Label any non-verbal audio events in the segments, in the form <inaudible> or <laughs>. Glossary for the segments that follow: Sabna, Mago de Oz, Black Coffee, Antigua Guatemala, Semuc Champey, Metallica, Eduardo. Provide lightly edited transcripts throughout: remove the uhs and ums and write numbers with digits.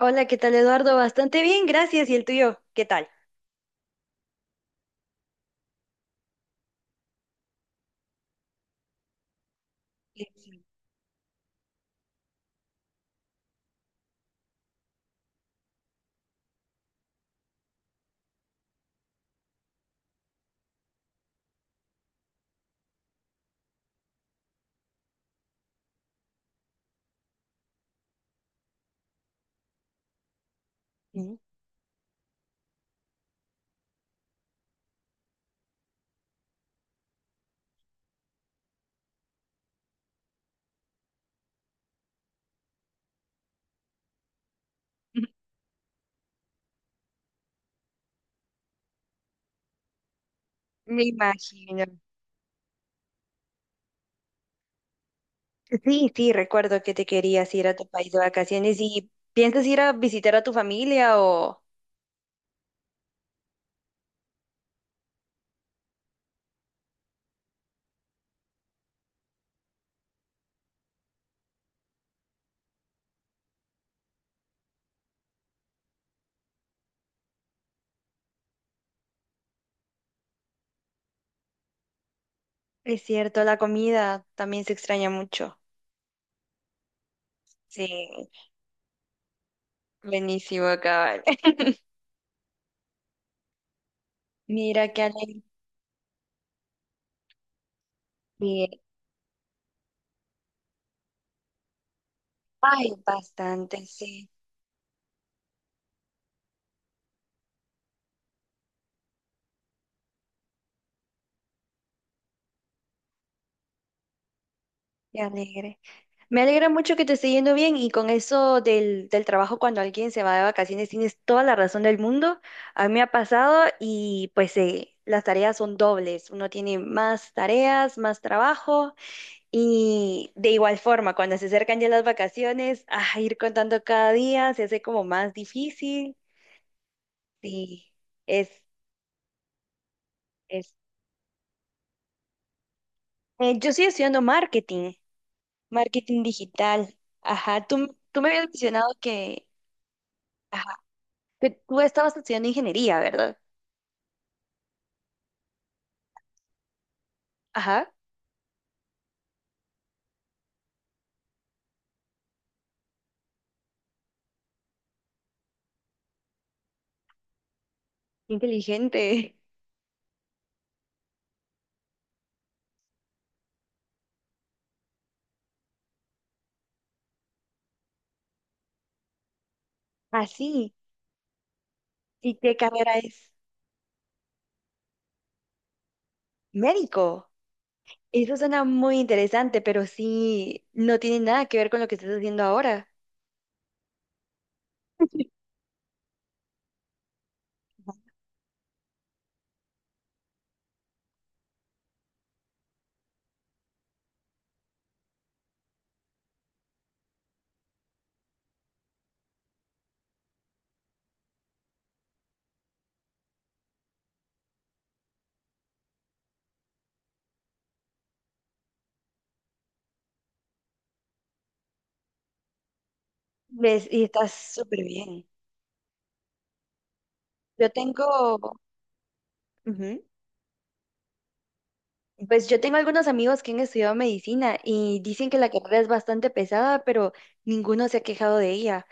Hola, ¿qué tal, Eduardo? Bastante bien, gracias. ¿Y el tuyo? ¿Qué tal? Ujú. Me imagino. Sí, sí, recuerdo que te querías ir a tu país de vacaciones y piensas ir a visitar a tu familia o... Es cierto, la comida también se extraña mucho. Sí, buenísimo, cabal. <laughs> Mira, qué alegre. Ay, bastante, sí, qué alegre. Me alegra mucho que te esté yendo bien y con eso del trabajo cuando alguien se va de vacaciones tienes toda la razón del mundo. A mí me ha pasado y pues las tareas son dobles. Uno tiene más tareas, más trabajo y de igual forma cuando se acercan ya las vacaciones, a ir contando cada día se hace como más difícil. Sí, es, es. Yo estoy estudiando marketing, marketing digital. Ajá, tú me habías mencionado que... Que tú estabas estudiando ingeniería, ¿verdad? Ajá, qué inteligente. <laughs> Así. ¿Y qué carrera es? Médico. Eso suena muy interesante, pero sí, no tiene nada que ver con lo que estás haciendo ahora. <laughs> ¿Ves? Y estás súper bien. Yo tengo, ujú. Pues yo tengo algunos amigos que han estudiado medicina y dicen que la carrera es bastante pesada, pero ninguno se ha quejado de ella,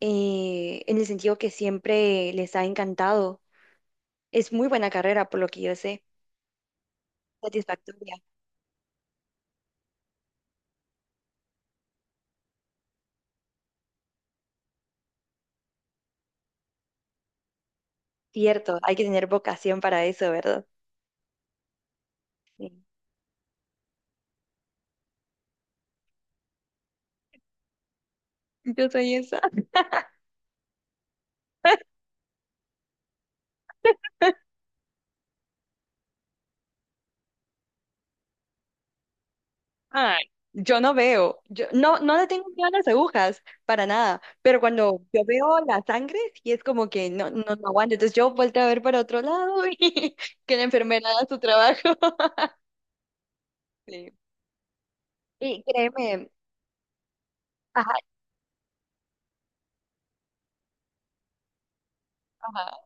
en el sentido que siempre les ha encantado. Es muy buena carrera, por lo que yo sé. Satisfactoria. Cierto, hay que tener vocación para eso, ¿verdad? Sí. Yo soy esa. <laughs> Ay, yo no veo, yo no, no le tengo miedo a las agujas, para nada, pero cuando yo veo la sangre, sí es como que no aguanto, entonces yo vuelto a ver para otro lado <laughs> y que la enfermera haga su trabajo. <laughs> Sí. Y créeme, ajá, ajá,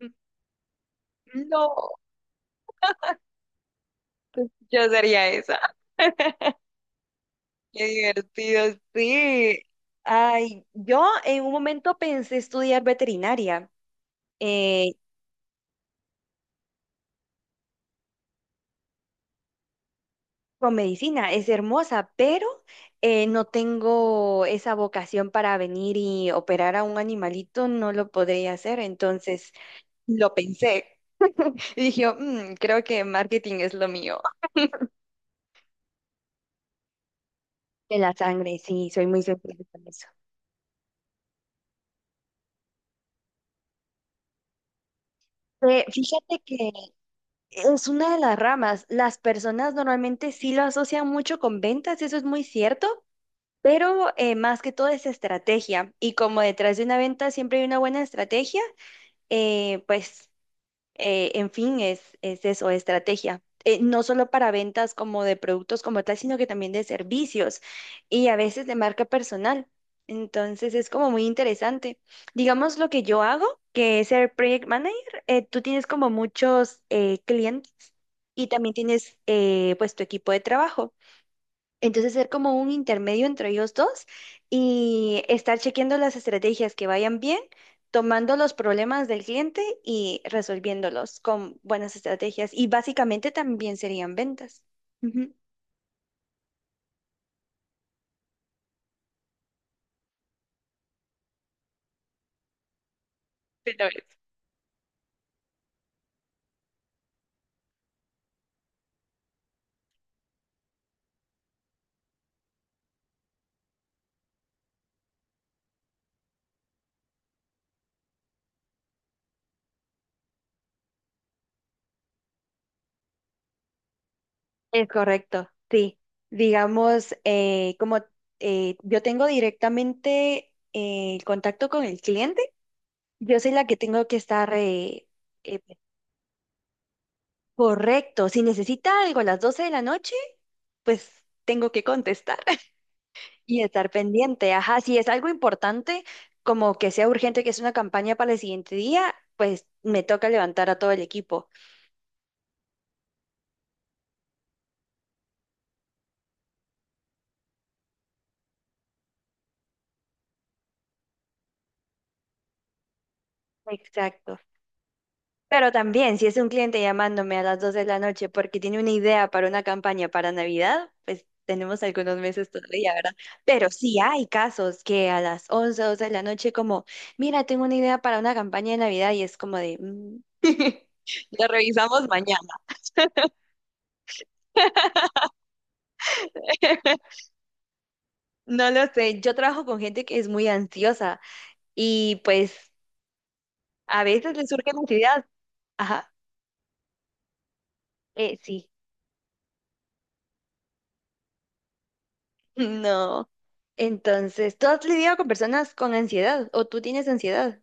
mm, no, pues yo sería esa. Qué divertido, sí. Ay, yo en un momento pensé estudiar veterinaria. eh, con medicina, es hermosa, pero no tengo esa vocación para venir y operar a un animalito, no lo podría hacer, entonces lo pensé <laughs> y dije, "Mm, creo que marketing es lo mío. De la sangre, sí, soy muy sensible con eso. Fíjate que es una de las ramas, las personas normalmente sí lo asocian mucho con ventas, eso es muy cierto. Pero más que todo es estrategia. Y como detrás de una venta siempre hay una buena estrategia, eh, pues, en fin, es eso, estrategia. No solo para ventas como de productos como tal, sino que también de servicios y a veces de marca personal. Entonces es como muy interesante. Digamos lo que yo hago, que es ser project manager, tú tienes como muchos clientes y también tienes pues tu equipo de trabajo. Entonces, ser como un intermedio entre ellos dos y estar chequeando las estrategias que vayan bien, tomando los problemas del cliente y resolviéndolos con buenas estrategias. Y básicamente también serían ventas. Ujú. Pero es- es correcto, sí. Digamos, como yo tengo directamente el contacto con el cliente, yo soy la que tengo que estar eh, correcto. Si necesita algo a las 12 de la noche, pues tengo que contestar. Y estar pendiente, ajá, si es algo importante, como que sea urgente, que es una campaña para el siguiente día, pues me toca levantar a todo el equipo. Exacto. Pero también, si es un cliente llamándome a las 2 de la noche porque tiene una idea para una campaña para Navidad, pues tenemos algunos meses todavía, ¿verdad? Pero sí hay casos que a las 11, 12 de la noche como, mira, tengo una idea para una campaña de Navidad y es como de, "Mm, <laughs> la revisamos mañana. <laughs> No lo sé, yo trabajo con gente que es muy ansiosa y pues a veces le surge la ansiedad. Ajá, sí, <laughs> no. Entonces, ¿tú has lidiado con personas con ansiedad o tú tienes ansiedad?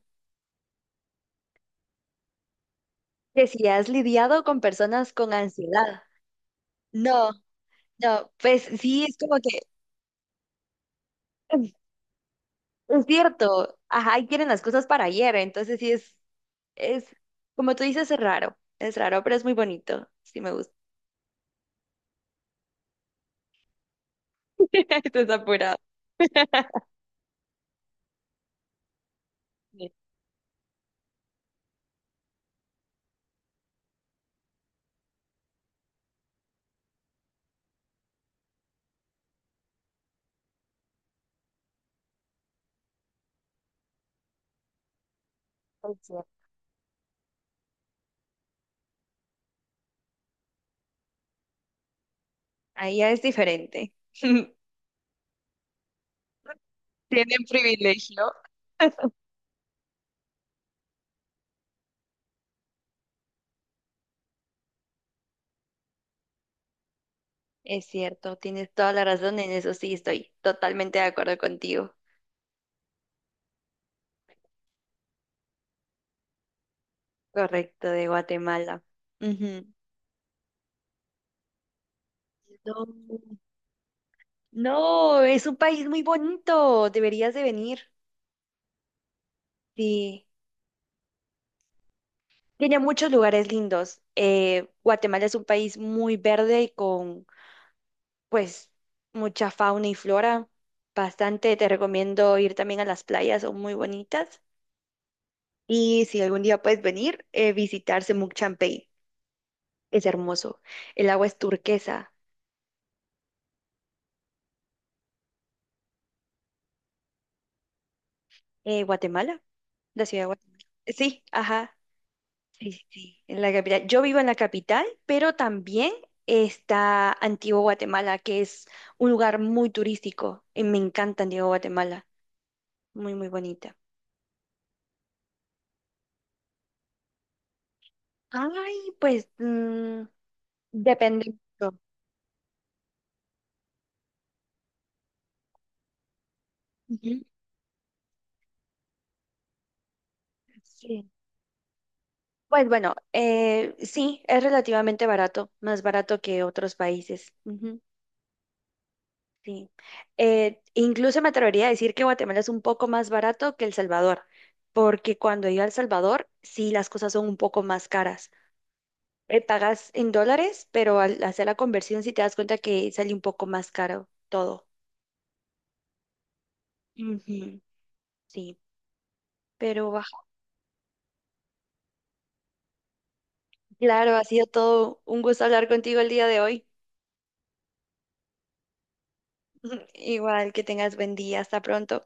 Que si has lidiado con personas con ansiedad. No, no, pues sí, es como que <clears throat> <laughs> es cierto, ajá, y quieren las cosas para ayer, entonces sí es, como tú dices, es raro, pero es muy bonito, sí me gusta. <laughs> Estás apurado. <laughs> Sí, es cierto. Ahí ya es diferente. <laughs> Tienen privilegio. Es cierto, tienes toda la razón en eso, sí, estoy totalmente de acuerdo contigo. Correcto, de Guatemala. Ujú. No, no, es un país muy bonito, deberías de venir. Sí, tiene muchos lugares lindos. Guatemala es un país muy verde y con, pues, mucha fauna y flora. Bastante, te recomiendo ir también a las playas, son muy bonitas. Y si algún día puedes venir, visitar Semuc Champey. Es hermoso. El agua es turquesa. Guatemala, la ciudad de Guatemala. Sí, ajá. Sí, sí, sí, en la capital. Yo vivo en la capital, pero también está Antigua Guatemala, que es un lugar muy turístico. Y me encanta Antigua Guatemala. Muy, muy bonita. Ay, pues mm, depende mucho. Ujú. Sí. Pues bueno, sí, es relativamente barato, más barato que otros países. Ujú, sí. Incluso me atrevería a decir que Guatemala es un poco más barato que El Salvador, porque cuando iba a El Salvador, sí, las cosas son un poco más caras. Pagas en dólares, pero al hacer la conversión sí te das cuenta que sale un poco más caro todo. Ujú, sí, pero ah, claro, ha sido todo un gusto hablar contigo el día de hoy. <laughs> Igual que tengas buen día, hasta pronto.